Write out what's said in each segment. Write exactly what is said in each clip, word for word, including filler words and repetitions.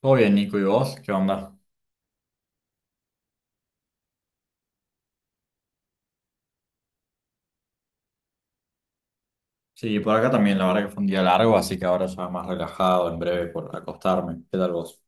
Todo bien, Nico, ¿y vos? ¿Qué onda? Sí, por acá también, la verdad que fue un día largo, así que ahora ya más relajado, en breve por acostarme. ¿Qué tal vos?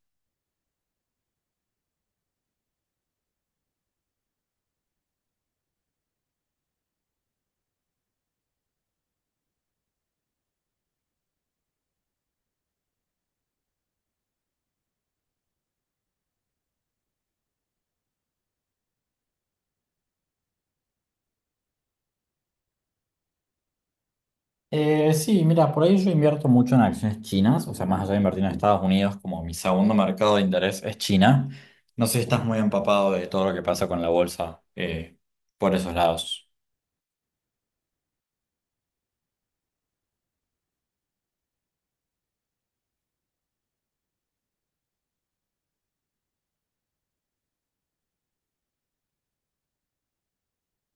Eh, sí, mira, por ahí yo invierto mucho en acciones chinas, o sea, más allá de invertir en Estados Unidos, como mi segundo mercado de interés es China. No sé si estás muy empapado de todo lo que pasa con la bolsa eh, por esos lados.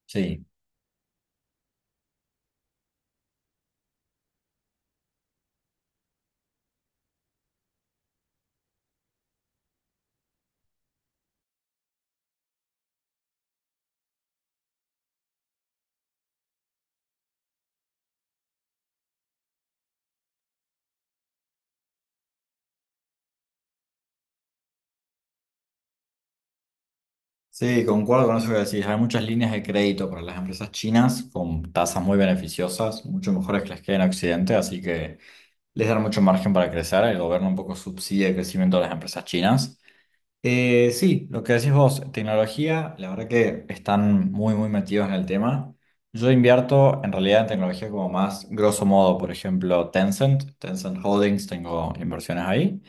Sí. Sí, concuerdo con eso que decís. Hay muchas líneas de crédito para las empresas chinas con tasas muy beneficiosas, mucho mejores que las que hay en Occidente, así que les dan mucho margen para crecer, el gobierno un poco subsidia el crecimiento de las empresas chinas. Eh, sí, lo que decís vos, tecnología, la verdad que están muy, muy metidos en el tema. Yo invierto en realidad en tecnología como más grosso modo, por ejemplo, Tencent, Tencent Holdings, tengo inversiones ahí.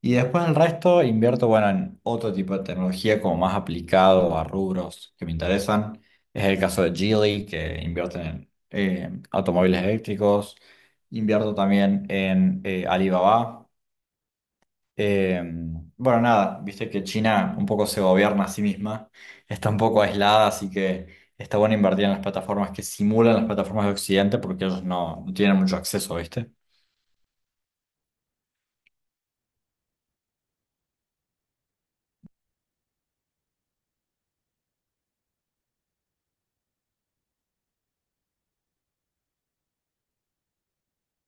Y después el resto invierto, bueno, en otro tipo de tecnología como más aplicado a rubros que me interesan. Es el caso de Geely, que invierte en eh, automóviles eléctricos. Invierto también en eh, Alibaba. Eh, bueno, nada, viste que China un poco se gobierna a sí misma. Está un poco aislada, así que está bueno invertir en las plataformas que simulan las plataformas de Occidente porque ellos no, no tienen mucho acceso, ¿viste?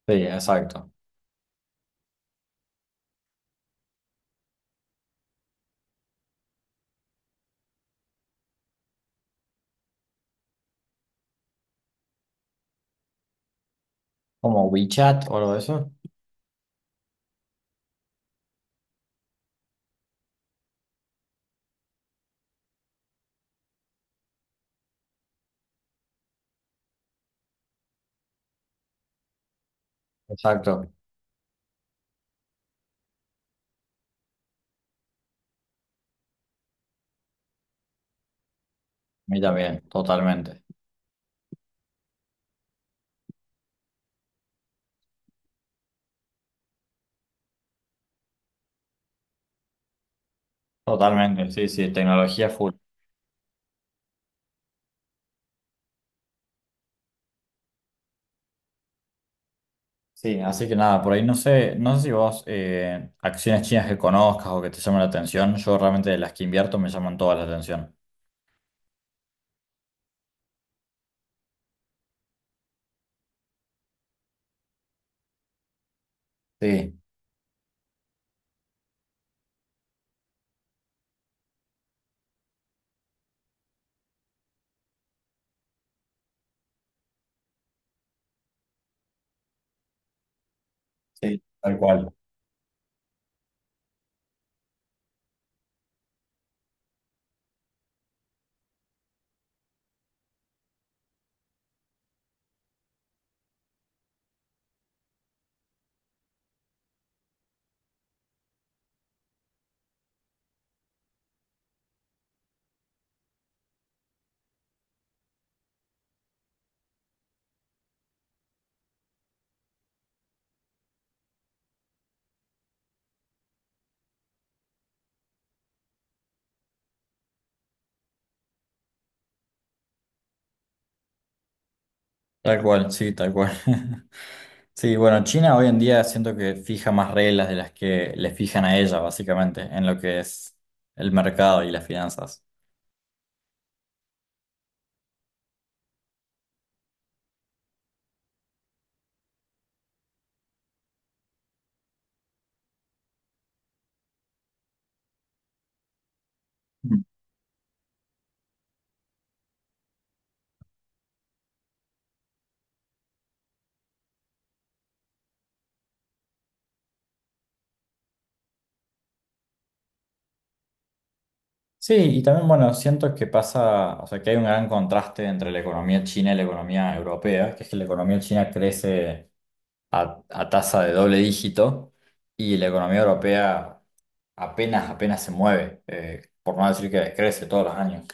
Sí, exacto. Como WeChat o algo de eso. Exacto. mí también, totalmente. Totalmente, sí, sí, tecnología full. Sí, así que nada, por ahí no sé, no sé si vos eh, acciones chinas que conozcas o que te llamen la atención. Yo realmente de las que invierto me llaman todas la atención. Sí, sí, tal cual. Tal cual, sí, tal cual. Sí, bueno, China hoy en día siento que fija más reglas de las que le fijan a ella, básicamente, en lo que es el mercado y las finanzas. Sí, y también, bueno, siento que pasa, o sea, que hay un gran contraste entre la economía china y la economía europea, que es que la economía china crece a, a tasa de doble dígito y la economía europea apenas, apenas se mueve, eh, por no decir que decrece todos los años.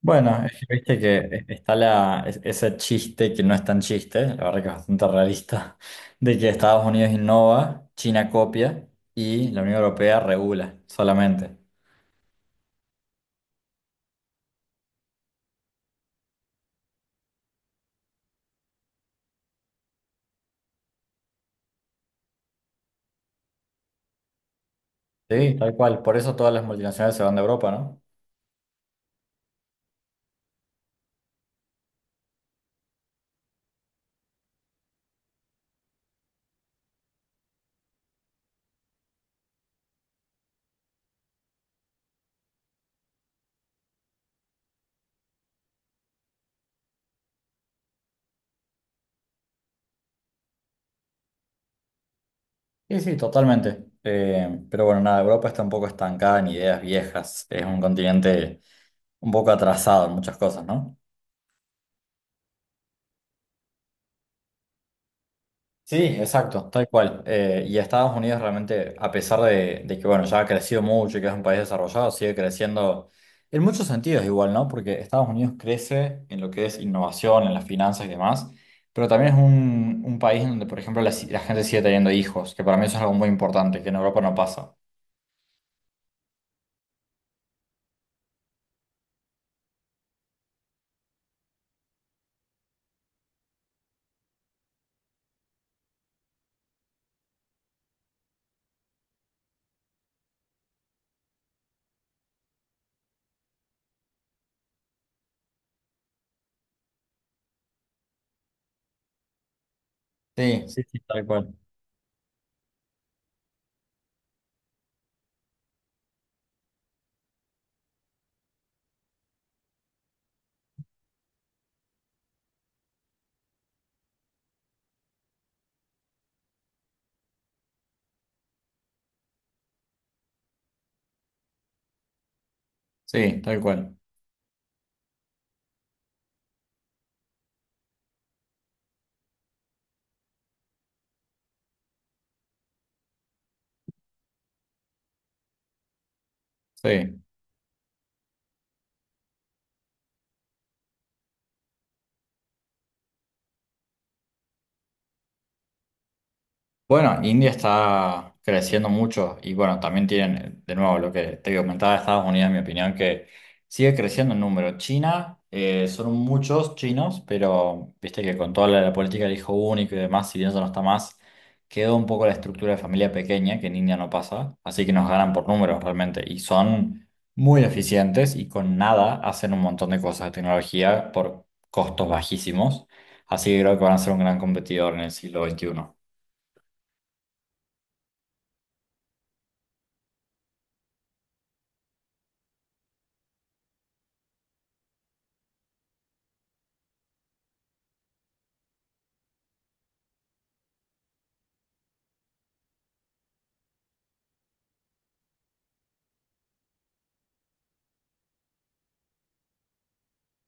Bueno, es que viste que e- está la, es- ese chiste que no es tan chiste, la verdad que es bastante realista, de que Estados Unidos innova, China copia y la Unión Europea regula solamente. Sí, tal cual. Por eso todas las multinacionales se van de Europa, ¿no? Sí, sí, totalmente. Eh, pero bueno, nada, Europa está un poco estancada en ideas viejas. Es un continente un poco atrasado en muchas cosas, ¿no? Sí, exacto, tal cual. Eh, y Estados Unidos realmente, a pesar de, de que bueno, ya ha crecido mucho y que es un país desarrollado, sigue creciendo en muchos sentidos igual, ¿no? Porque Estados Unidos crece en lo que es innovación, en las finanzas y demás, pero también es un, un país en donde, por ejemplo, la, si- la gente sigue teniendo hijos, que para mí eso es algo muy importante, que en Europa no pasa. Sí, sí, sí, tal cual. Sí, tal cual. Sí. Bueno, India está creciendo mucho y bueno, también tienen, de nuevo, lo que te comentaba Estados Unidos, en mi opinión, que sigue creciendo en número. China, eh, son muchos chinos, pero viste que con toda la, la política del hijo único y demás, si bien eso no está más, quedó un poco la estructura de familia pequeña, que en India no pasa, así que nos ganan por números realmente y son muy eficientes y con nada hacen un montón de cosas de tecnología por costos bajísimos, así que creo que van a ser un gran competidor en el siglo veintiuno.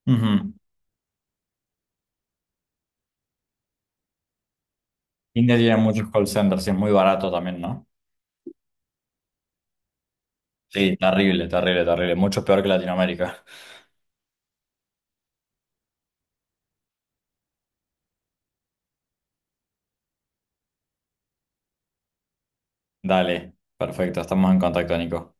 Ujú. India tiene muchos call centers y es muy barato también, ¿no? Sí, terrible, terrible, terrible. Mucho peor que Latinoamérica. Dale, perfecto, estamos en contacto, Nico.